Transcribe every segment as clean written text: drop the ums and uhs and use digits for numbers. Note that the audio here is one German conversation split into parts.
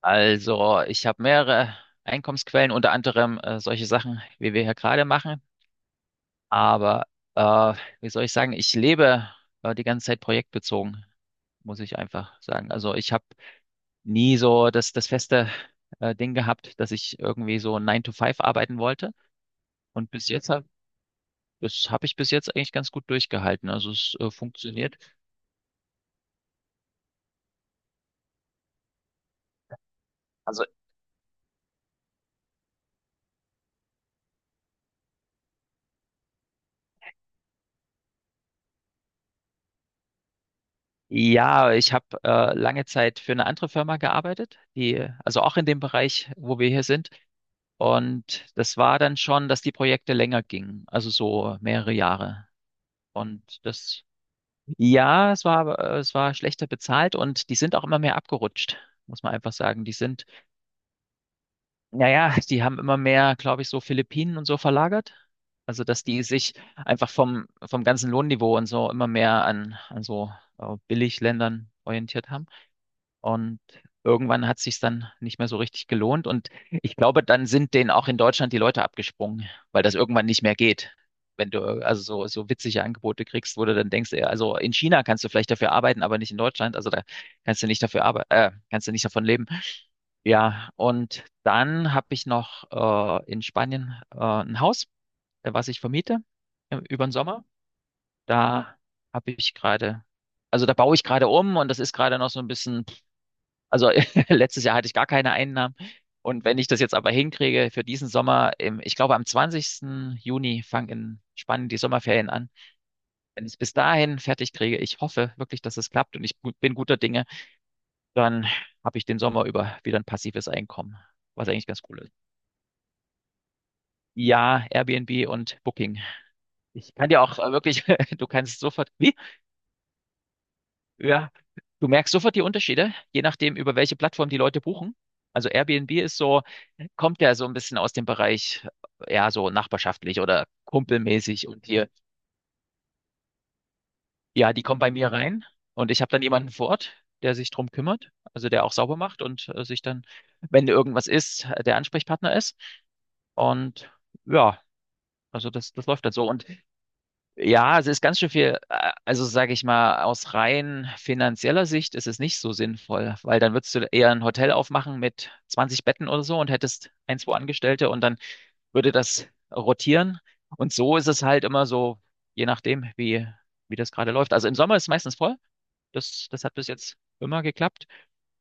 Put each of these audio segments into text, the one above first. Also, ich habe mehrere Einkommensquellen, unter anderem solche Sachen, wie wir hier gerade machen. Aber äh, wie soll ich sagen, ich lebe die ganze Zeit projektbezogen, muss ich einfach sagen. Also ich habe nie so das feste Ding gehabt, dass ich irgendwie so Nine to Five arbeiten wollte. Und bis jetzt hab, Das habe ich bis jetzt eigentlich ganz gut durchgehalten. Also es funktioniert. Also ja, ich habe lange Zeit für eine andere Firma gearbeitet, die also auch in dem Bereich, wo wir hier sind. Und das war dann schon, dass die Projekte länger gingen, also so mehrere Jahre. Und das, ja, es war schlechter bezahlt und die sind auch immer mehr abgerutscht, muss man einfach sagen. Naja, die haben immer mehr, glaube ich, so Philippinen und so verlagert. Also, dass die sich einfach vom ganzen Lohnniveau und so immer mehr an so Billigländern orientiert haben. Und irgendwann hat sich's dann nicht mehr so richtig gelohnt. Und ich glaube, dann sind denen auch in Deutschland die Leute abgesprungen, weil das irgendwann nicht mehr geht. Wenn du also so witzige Angebote kriegst, wo du dann denkst, ey, also in China kannst du vielleicht dafür arbeiten, aber nicht in Deutschland. Also da kannst du nicht dafür arbeiten, kannst du nicht davon leben. Ja, und dann habe ich noch in Spanien ein Haus, was ich vermiete über den Sommer. Da habe ich gerade, Also da baue ich gerade um und das ist gerade noch so ein bisschen. Also letztes Jahr hatte ich gar keine Einnahmen. Und wenn ich das jetzt aber hinkriege für diesen Sommer, ich glaube am 20. Juni fangen in Spanien die Sommerferien an. Wenn ich es bis dahin fertig kriege, ich hoffe wirklich, dass es klappt und ich bin guter Dinge, dann habe ich den Sommer über wieder ein passives Einkommen, was eigentlich ganz cool ist. Ja, Airbnb und Booking. Ich kann dir auch wirklich, du kannst sofort, wie? Ja, du merkst sofort die Unterschiede, je nachdem, über welche Plattform die Leute buchen. Also Airbnb ist so, kommt ja so ein bisschen aus dem Bereich, ja, so nachbarschaftlich oder kumpelmäßig und hier, ja, die kommen bei mir rein und ich habe dann jemanden vor Ort, der sich drum kümmert, also der auch sauber macht und sich dann, wenn irgendwas ist, der Ansprechpartner ist. Und ja, also das läuft dann so. Und ja, es ist ganz schön viel, also sage ich mal, aus rein finanzieller Sicht ist es nicht so sinnvoll, weil dann würdest du eher ein Hotel aufmachen mit 20 Betten oder so und hättest ein, zwei Angestellte und dann würde das rotieren. Und so ist es halt immer so, je nachdem, wie das gerade läuft. Also im Sommer ist es meistens voll. Das hat bis jetzt immer geklappt.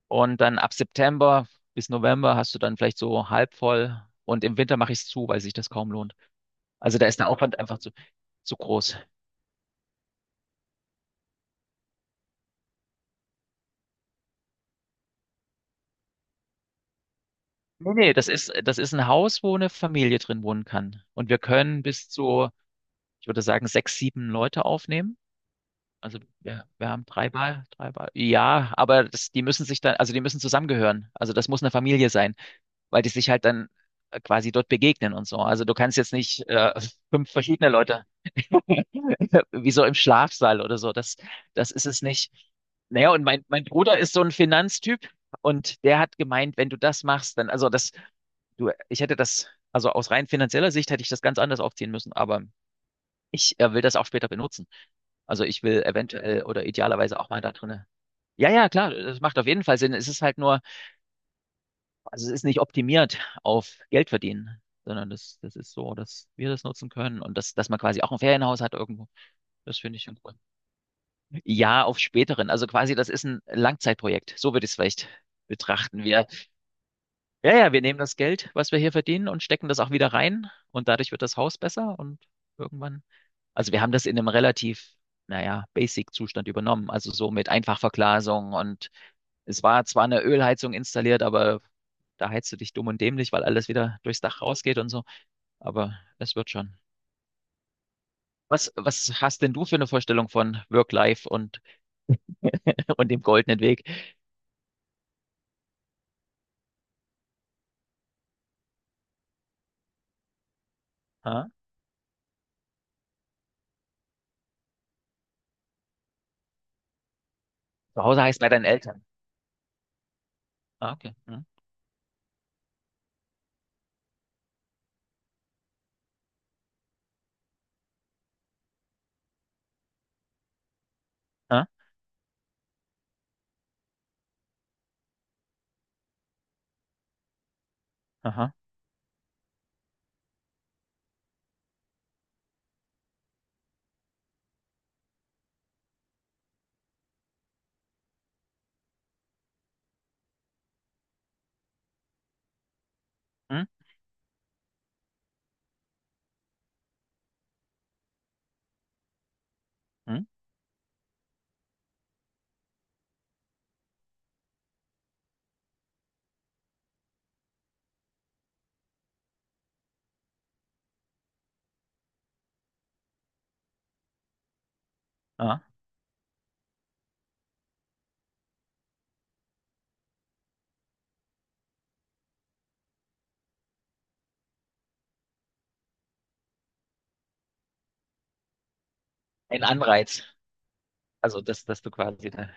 Und dann ab September bis November hast du dann vielleicht so halb voll. Und im Winter mache ich es zu, weil sich das kaum lohnt. Also da ist der Aufwand einfach zu groß. Nee, nee, das ist ein Haus, wo eine Familie drin wohnen kann. Und wir können bis zu, ich würde sagen, sechs, sieben Leute aufnehmen. Also wir haben drei Bar, drei Bar. Ja, aber die müssen sich dann, also die müssen zusammengehören. Also das muss eine Familie sein, weil die sich halt dann quasi dort begegnen und so. Also du kannst jetzt nicht fünf verschiedene Leute wie so im Schlafsaal oder so. Das ist es nicht. Naja, und mein Bruder ist so ein Finanztyp und der hat gemeint, wenn du das machst, dann, also das, du, ich hätte das, also aus rein finanzieller Sicht hätte ich das ganz anders aufziehen müssen, aber ich will das auch später benutzen. Also ich will eventuell oder idealerweise auch mal da drinne. Ja, ja, klar, das macht auf jeden Fall Sinn. Es ist halt nur, also es ist nicht optimiert auf Geld verdienen, sondern das ist so, dass wir das nutzen können und dass man quasi auch ein Ferienhaus hat irgendwo. Das finde ich schon cool. Ja, auf späteren. Also quasi, das ist ein Langzeitprojekt. So würde ich es vielleicht betrachten. Ja, ja, wir nehmen das Geld, was wir hier verdienen und stecken das auch wieder rein und dadurch wird das Haus besser und irgendwann. Also wir haben das in einem relativ, naja, Basic-Zustand übernommen. Also so mit Einfachverglasung und es war zwar eine Ölheizung installiert, aber da heizt du dich dumm und dämlich, weil alles wieder durchs Dach rausgeht und so. Aber es wird schon. Was hast denn du für eine Vorstellung von Work-Life und, und dem goldenen Weg? Ha? Zu Hause heißt bei deinen Eltern. Ah, okay. Hm? Ah, aha. Hm? Hm? Ah. Ein Anreiz. Also, dass du quasi da.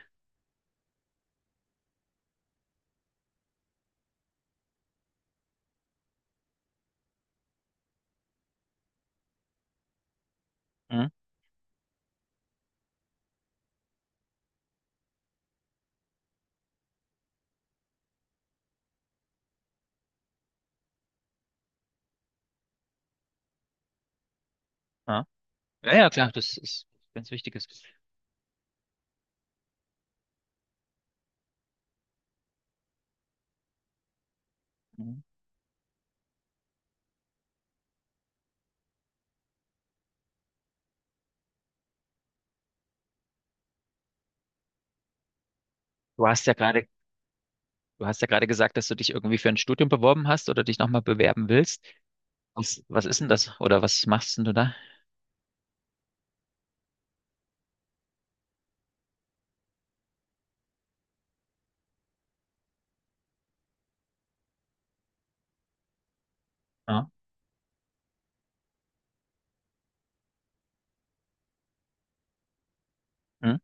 Hm? Ah. Ja, ja, klar, das ist ganz Wichtiges. Hm. Du hast ja gerade, du hast ja gerade gesagt, dass du dich irgendwie für ein Studium beworben hast oder dich nochmal bewerben willst. Was ist denn das? Oder was machst denn du da? Ah. Hm?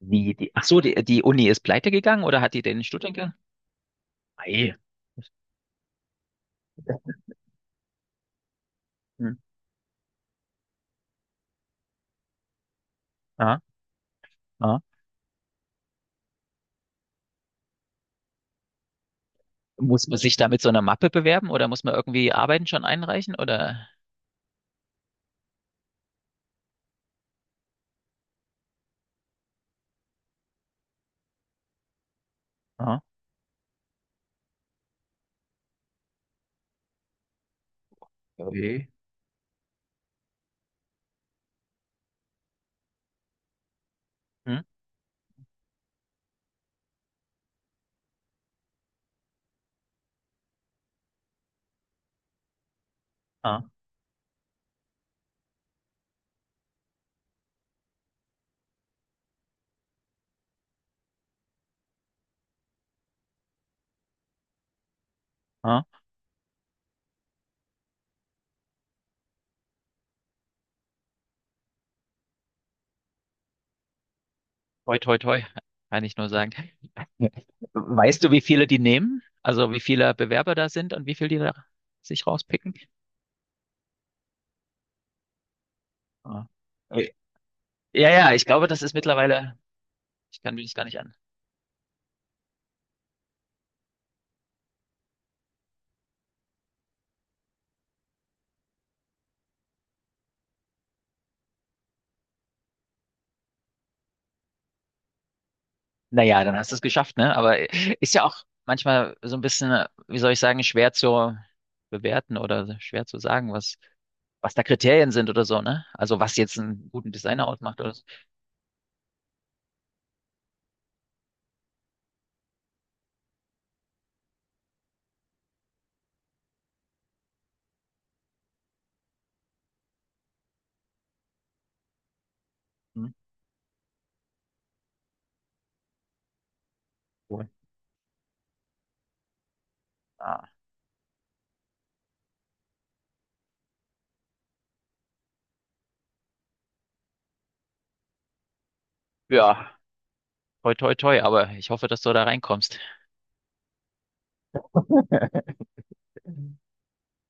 Ach so, die Uni ist pleite gegangen oder hat die den Studiengang? Ei. Hm. Ah, ah. Muss man sich da mit so einer Mappe bewerben oder muss man irgendwie Arbeiten schon einreichen oder? Okay. Hm? Ah, ah. Toi, toi, toi, kann ich nur sagen. Weißt du, wie viele die nehmen? Also wie viele Bewerber da sind und wie viele die da sich rauspicken? Ah. Okay. Ja, ja, ich glaube, das ist mittlerweile, ich kann mir das gar nicht an. Naja, dann hast du es geschafft, ne? Aber ist ja auch manchmal so ein bisschen, wie soll ich sagen, schwer zu bewerten oder schwer zu sagen, was da Kriterien sind oder so, ne? Also was jetzt einen guten Designer ausmacht oder so. Hm? Cool. Ah. Ja, toi, toi, toi, aber ich hoffe, dass du da reinkommst.